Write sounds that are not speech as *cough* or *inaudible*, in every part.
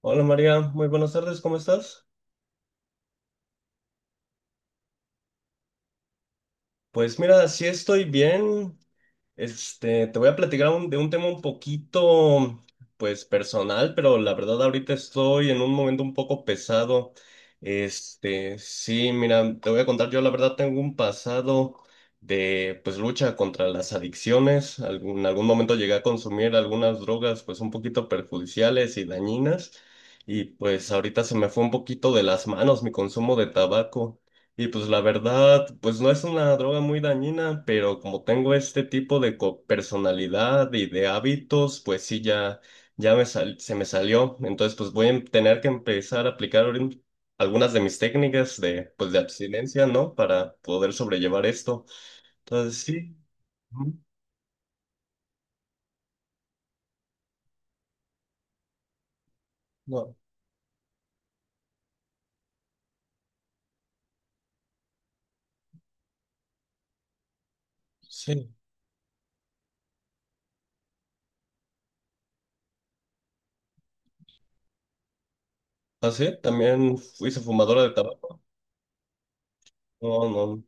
Hola María, muy buenas tardes, ¿cómo estás? Pues mira, sí estoy bien. Te voy a platicar de un tema un poquito, pues personal, pero la verdad ahorita estoy en un momento un poco pesado. Sí, mira, te voy a contar, yo la verdad tengo un pasado de, pues, lucha contra las adicciones. En algún momento llegué a consumir algunas drogas, pues, un poquito perjudiciales y dañinas. Y pues ahorita se me fue un poquito de las manos mi consumo de tabaco. Y pues la verdad, pues no es una droga muy dañina, pero como tengo este tipo de personalidad y de hábitos, pues sí, ya, ya se me salió. Entonces, pues voy a tener que empezar a aplicar ahorita algunas de mis técnicas de, pues, de abstinencia, ¿no? Para poder sobrellevar esto. Entonces, sí. Ujú. No, sí. ¿Ah, sí? ¿También fuiste fumadora de tabaco? No, no.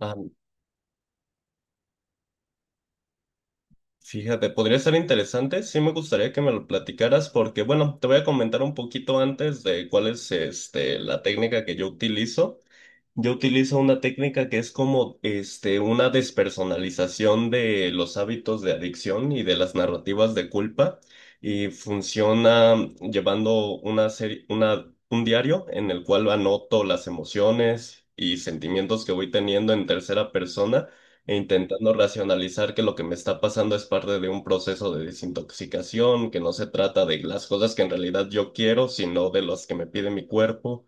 Ah, fíjate, podría ser interesante. Sí me gustaría que me lo platicaras porque, bueno, te voy a comentar un poquito antes de cuál es la técnica que yo utilizo. Yo utilizo una técnica que es como una despersonalización de los hábitos de adicción y de las narrativas de culpa y funciona llevando un diario en el cual anoto las emociones y sentimientos que voy teniendo en tercera persona e intentando racionalizar que lo que me está pasando es parte de un proceso de desintoxicación, que no se trata de las cosas que en realidad yo quiero, sino de las que me pide mi cuerpo.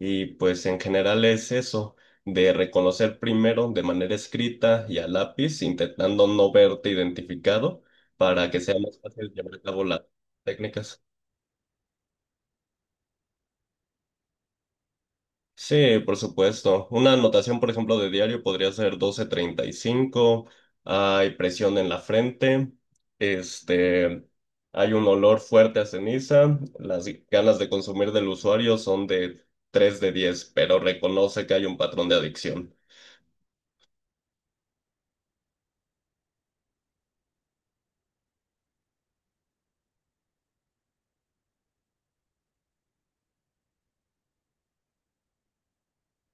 Y pues en general es eso, de reconocer primero de manera escrita y a lápiz, intentando no verte identificado para que sea más fácil llevar a cabo las técnicas. Sí, por supuesto. Una anotación, por ejemplo, de diario podría ser 12:35. Hay presión en la frente, este, hay un olor fuerte a ceniza, las ganas de consumir del usuario son de 3 de 10, pero reconoce que hay un patrón de adicción.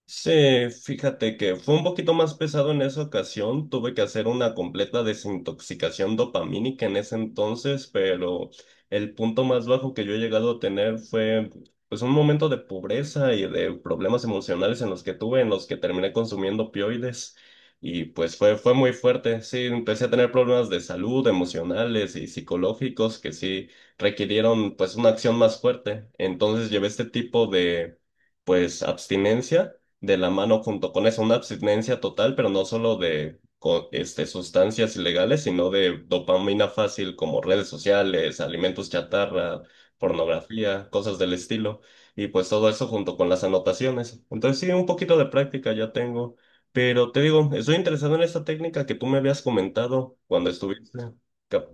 Sí, fíjate que fue un poquito más pesado en esa ocasión. Tuve que hacer una completa desintoxicación dopamínica en ese entonces, pero el punto más bajo que yo he llegado a tener fue pues un momento de pobreza y de problemas emocionales en los que tuve, en los que terminé consumiendo opioides y pues fue muy fuerte. Sí, empecé a tener problemas de salud, emocionales y psicológicos que sí requirieron pues una acción más fuerte. Entonces llevé este tipo de pues abstinencia de la mano junto con eso, una abstinencia total, pero no solo de sustancias ilegales, sino de dopamina fácil como redes sociales, alimentos chatarra, pornografía, cosas del estilo, y pues todo eso junto con las anotaciones. Entonces sí, un poquito de práctica ya tengo, pero te digo, estoy interesado en esta técnica que tú me habías comentado cuando estuviste. cap-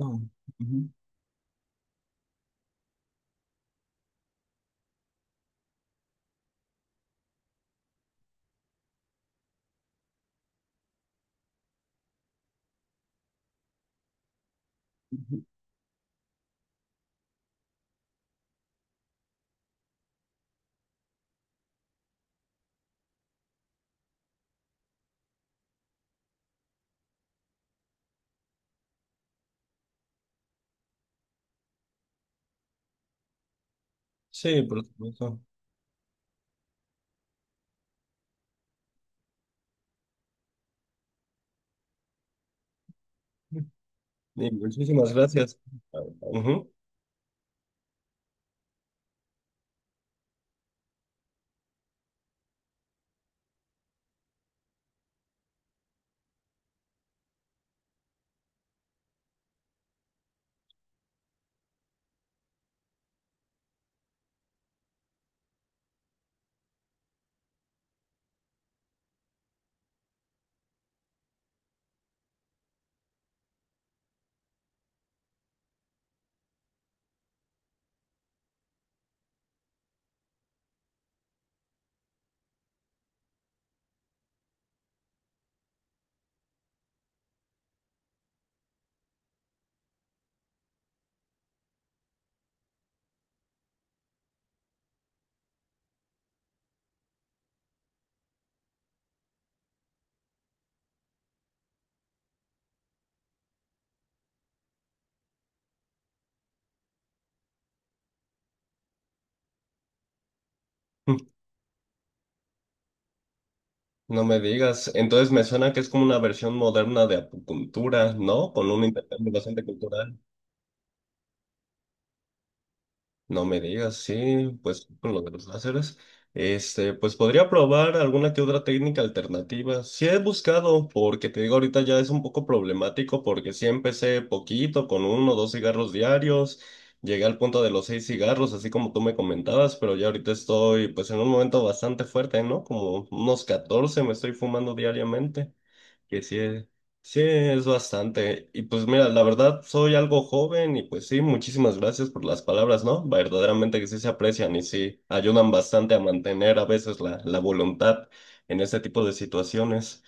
Ah, ujú. Sí, por supuesto. Y muchísimas gracias. Ujú. No me digas. Entonces me suena que es como una versión moderna de acupuntura, ¿no? Con un intercambio bastante cultural. No me digas, sí, pues con lo de los láseres. Pues podría probar alguna que otra técnica alternativa. Sí he buscado, porque te digo, ahorita ya es un poco problemático, porque sí empecé poquito, con uno o dos cigarros diarios. Llegué al punto de los seis cigarros, así como tú me comentabas, pero ya ahorita estoy, pues en un momento bastante fuerte, ¿no? Como unos 14 me estoy fumando diariamente. Que sí es, sí es bastante. Y pues mira, la verdad soy algo joven y pues sí, muchísimas gracias por las palabras, ¿no? Verdaderamente que sí se aprecian y sí ayudan bastante a mantener a veces la voluntad en este tipo de situaciones.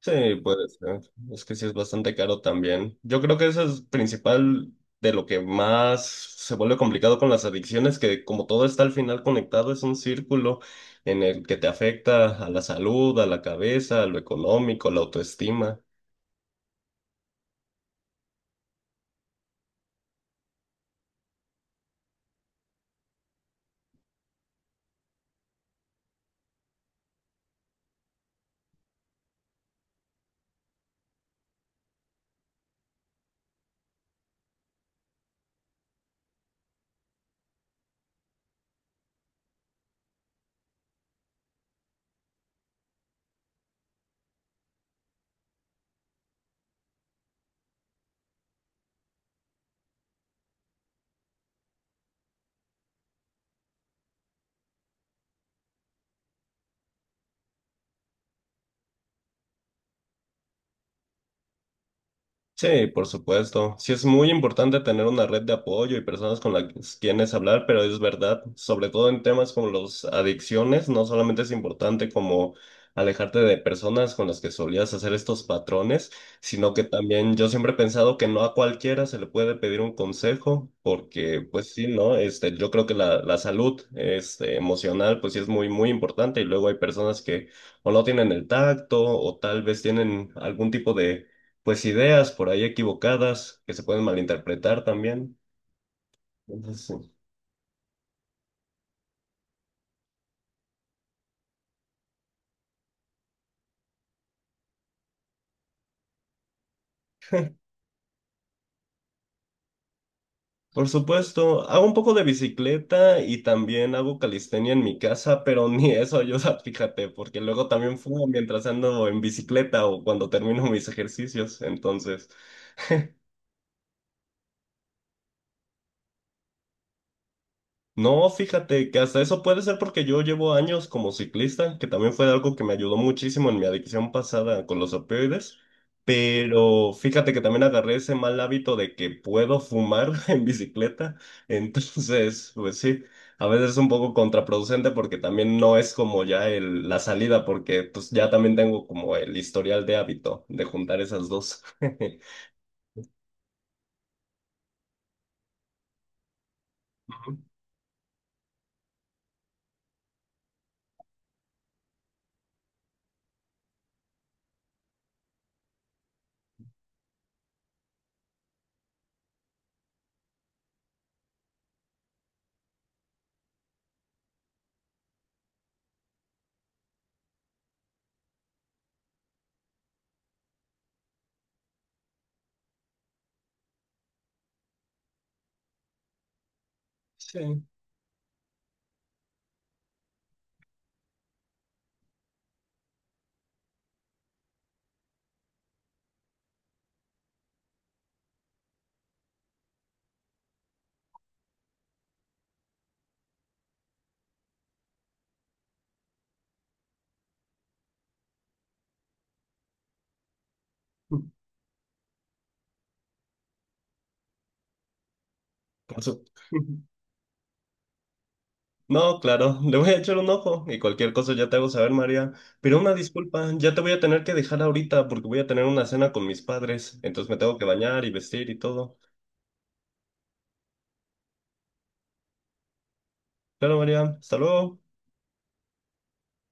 Sí, puede ser. Es que sí es bastante caro también. Yo creo que eso es principal de lo que más se vuelve complicado con las adicciones, que como todo está al final conectado, es un círculo en el que te afecta a la salud, a la cabeza, a lo económico, a la autoestima. Sí, por supuesto. Sí, es muy importante tener una red de apoyo y personas con las quienes hablar, pero es verdad, sobre todo en temas como las adicciones, no solamente es importante como alejarte de personas con las que solías hacer estos patrones, sino que también yo siempre he pensado que no a cualquiera se le puede pedir un consejo, porque pues sí, ¿no? Yo creo que la salud, emocional, pues sí es muy, muy importante y luego hay personas que o no tienen el tacto o tal vez tienen algún tipo de pues ideas por ahí equivocadas que se pueden malinterpretar también. Entonces, sí. Por supuesto, hago un poco de bicicleta y también hago calistenia en mi casa, pero *laughs* ni eso ayuda, *laughs* fíjate, porque luego también fumo mientras ando en bicicleta o cuando termino mis ejercicios. Entonces, no, fíjate que hasta eso puede ser porque yo llevo años como ciclista, que también fue algo que me ayudó muchísimo en mi adicción pasada con los opioides, pero fíjate que también agarré ese mal hábito de que puedo fumar *laughs* en bicicleta, entonces, pues sí, a veces es un poco contraproducente porque también no es como ya el, la salida, porque pues ya también tengo como el historial de hábito de juntar esas dos. *laughs* Sí, por eso. *laughs* No, claro, le voy a echar un ojo y cualquier cosa ya te hago saber, María. Pero una disculpa, ya te voy a tener que dejar ahorita porque voy a tener una cena con mis padres, entonces me tengo que bañar y vestir y todo. Claro, María, hasta luego.